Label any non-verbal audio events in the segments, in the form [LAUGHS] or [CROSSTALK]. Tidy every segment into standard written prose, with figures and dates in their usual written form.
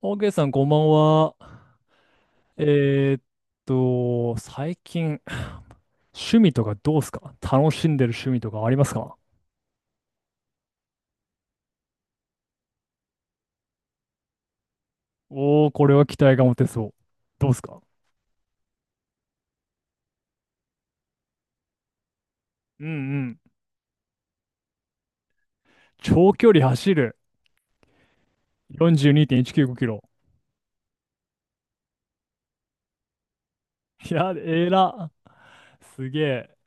オーケーさん、こんばんは。えーっ最近、趣味とかどうすか？楽しんでる趣味とかありますか？おー、これは期待が持てそう。どうすか？うんうん。長距離走る。42.195キロ。いや、えら。すげえ。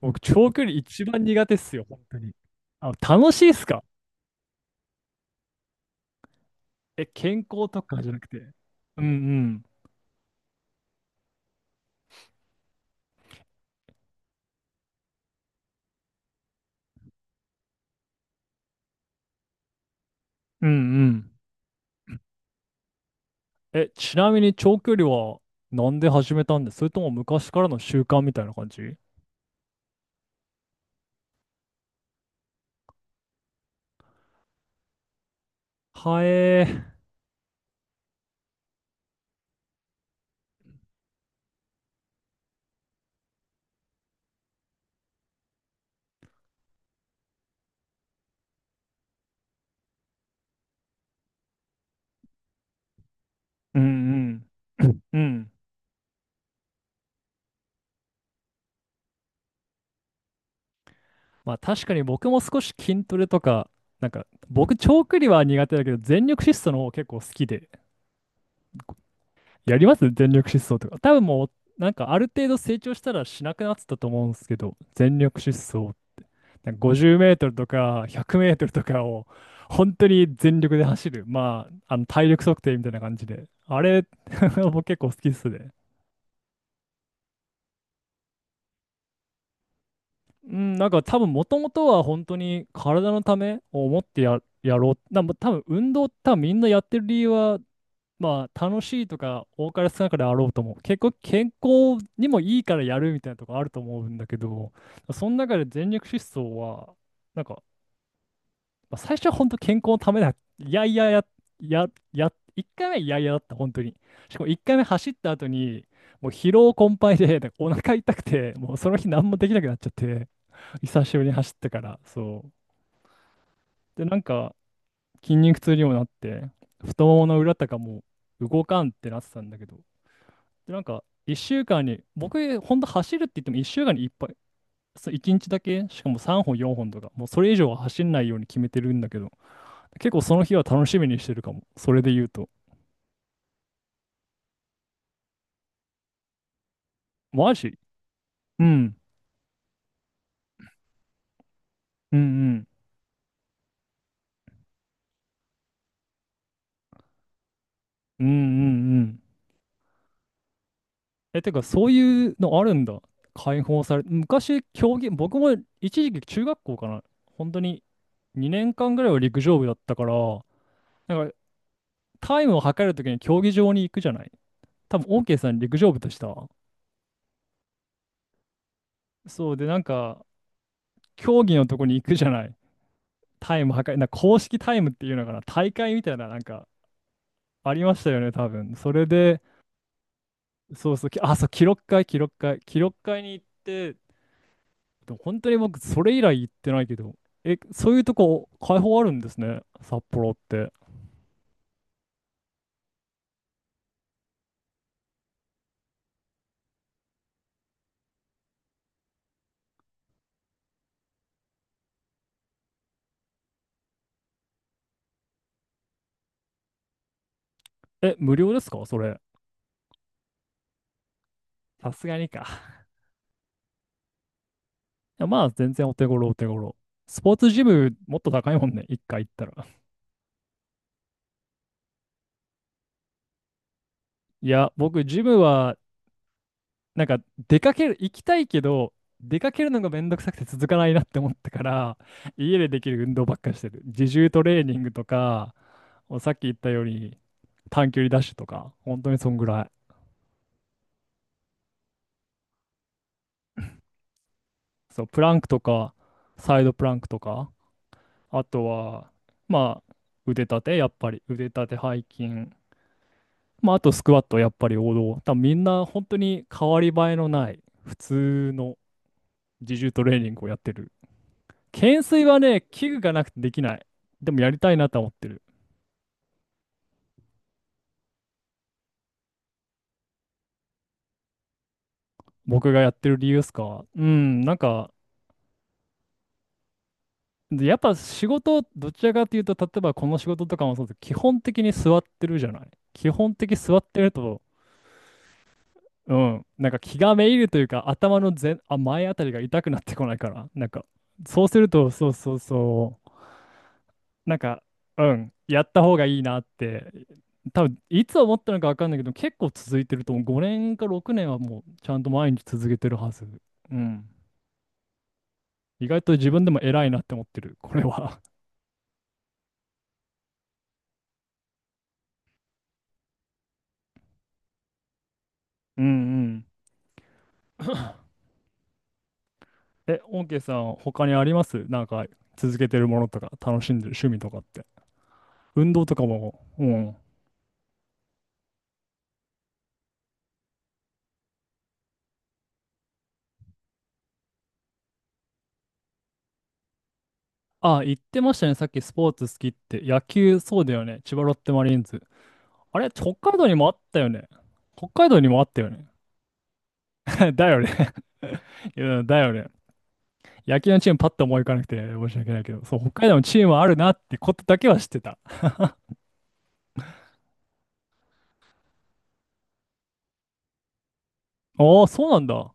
僕、長距離一番苦手っすよ、本当に。あ、楽しいっすか？え、健康とかじゃなくて。うんうん。うんうん。え、ちなみに長距離はなんで始めたんです？それとも昔からの習慣みたいな感じ？はえー。うんうん。[CLEARS THROAT] うん。まあ確かに僕も少し筋トレとか、なんか僕長距離は苦手だけど全力疾走の方結構好きで。やります、全力疾走とか。多分もうなんかある程度成長したらしなくなってたと思うんですけど、全力疾走なんか50メートルとか100メートルとかを本当に全力で走る。まあ、あの体力測定みたいな感じで。あれ、[LAUGHS] 僕結構好きっすね。うん、なんか多分もともとは本当に体のためを思ってやろう。なんか多分運動多分みんなやってる理由は、まあ楽しいとか多かれ少なかれあろうと思う。結構健康にもいいからやるみたいなとこあると思うんだけど、その中で全力疾走は、なんかまあ、最初は本当健康のためだ。いやいやや、や、や、1回目はいやいやだった、本当に。しかも1回目走った後に、もう疲労困憊で、なんかお腹痛くて、もうその日何もできなくなっちゃって、久しぶりに走ったから、そう。で、なんか筋肉痛にもなって、太ももの裏とかもう動かんってなってたんだけど、で、なんか1週間に、僕、本当走るって言っても1週間にいっぱい、そう1日だけ、しかも3本、4本とか、もうそれ以上は走んないように決めてるんだけど、結構その日は楽しみにしてるかも。それで言うと。マジ？うん。うんうん。うんうんうん。え、てか、そういうのあるんだ。解放され、昔、競技、僕も一時期中学校かな。本当に2年間ぐらいは陸上部だったから、なんかタイムを測るときに競技場に行くじゃない。多分、オーケーさん陸上部でした？そうで、なんか、競技のとこに行くじゃない。タイム測る、なんか公式タイムっていうのかな。大会みたいな、なんか、ありましたよね、多分。それで、そうそう、そう、記録会、記録会、記録会に行って、でも本当に僕、それ以来行ってないけど、え、そういうとこ、開放あるんですね、札幌って。え、無料ですか、それ？さすがにか。いや、まあ、全然お手頃、お手頃。スポーツジム、もっと高いもんね、一回行ったら。いや、僕、ジムは、なんか、出かける、行きたいけど、出かけるのがめんどくさくて続かないなって思ったから、家でできる運動ばっかりしてる。自重トレーニングとか、さっき言ったように、短距離ダッシュとか、本当にそんぐらい。そう、プランクとか、サイドプランクとか、あとは、まあ、腕立て、やっぱり、腕立て、背筋、まあ、あとスクワット、やっぱり王道。多分みんな本当に変わり映えのない、普通の自重トレーニングをやってる。懸垂はね、器具がなくてできない。でもやりたいなとは思ってる。僕がやってる理由ですか？うん、なんか、で、やっぱ仕事、どちらかというと、例えばこの仕事とかもそうです。基本的に座ってるじゃない。基本的に座ってると、うん、なんか気がめいるというか、頭の前、あ、前あたりが痛くなってこないから、なんか、そうすると、そうそうそう、なんか、うん、やった方がいいなって、多分いつ思ったのか分かんないけど、結構続いてると思う、5年か6年はもう、ちゃんと毎日続けてるはず。うん。意外と自分でも偉いなって思ってる、これは。[LAUGHS] うんうん、え、オーケーさん、他にあります？なんか、続けてるものとか、楽しんでる趣味とかって。運動とかも、うん。あ、言ってましたね。さっきスポーツ好きって。野球、そうだよね。千葉ロッテマリーンズ。あれ、北海道にもあったよね。北海道にもあったよね。[LAUGHS] だよね。[LAUGHS] いや、だよね。野球のチームパッと思い浮かなくて申し訳ないけど、そう、北海道のチームあるなってことだけは知ってた。おー、そうなんだ。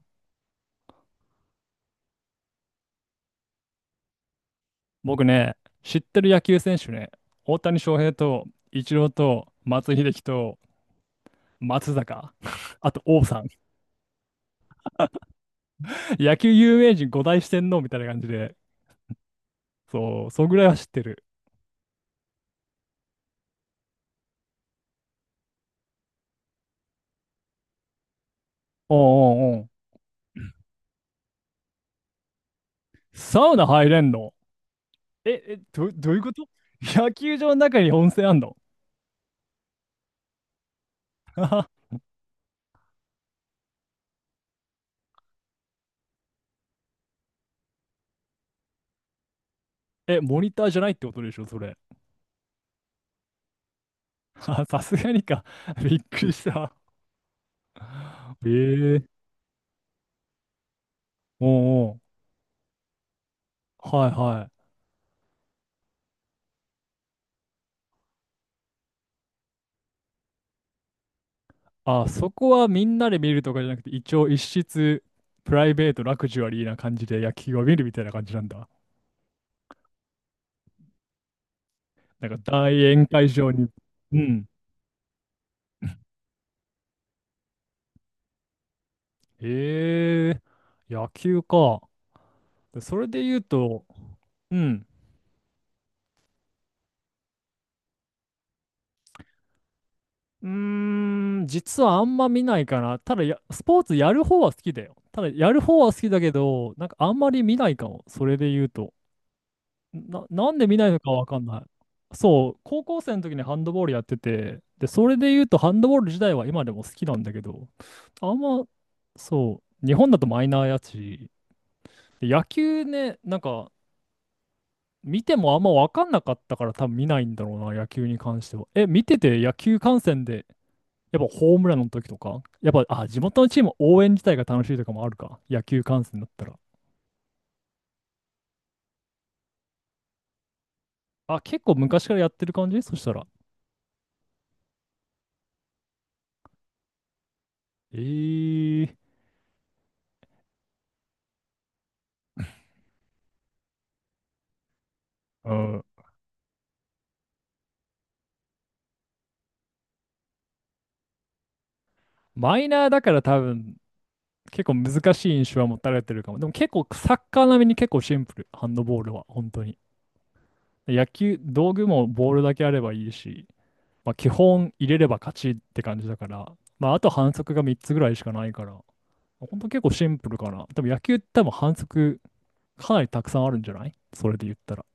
僕ね、知ってる野球選手ね、大谷翔平と、イチローと、松井秀喜と、松坂、[LAUGHS] あと王さん、[LAUGHS] 野球有名人五大四天王みたいな感じで、そう、そんぐらいは知ってる。お、うんうんうん。サウナ入れんの？え、え、どういうこと？ [LAUGHS] 野球場の中に温泉あんの？ [LAUGHS] え、モニターじゃないってことでしょ、それ。[LAUGHS] あ、さすがにか。[LAUGHS] びっくりした。ええ、おうおう。はいはい。あ、そこはみんなで見るとかじゃなくて、一応一室、プライベート、ラグジュアリーな感じで野球を見るみたいな感じなんだ。なんか大宴会場に。うん。ええ、野球か。でそれで言うと、うん。うーん、実はあんま見ないかな。ただ、スポーツやる方は好きだよ。ただ、やる方は好きだけど、なんかあんまり見ないかも。それで言うと。なんで見ないのかわかんない。そう、高校生の時にハンドボールやってて、で、それで言うとハンドボール自体は今でも好きなんだけど、あんま、そう、日本だとマイナーやし、で野球ね、なんか、見てもあんま分かんなかったから多分見ないんだろうな、野球に関しては。え、見てて野球観戦で、やっぱホームランの時とか、やっぱ、あ、地元のチーム応援自体が楽しいとかもあるか、野球観戦だったら。あ、結構昔からやってる感じそしたら？えー、うん。マイナーだから多分、結構難しい印象は持たれてるかも。でも結構サッカー並みに結構シンプル、ハンドボールは、本当に。野球、道具もボールだけあればいいし、まあ、基本入れれば勝ちって感じだから、まあ、あと反則が3つぐらいしかないから、ほんと結構シンプルかな。多分野球って多分反則かなりたくさんあるんじゃない？それで言ったら。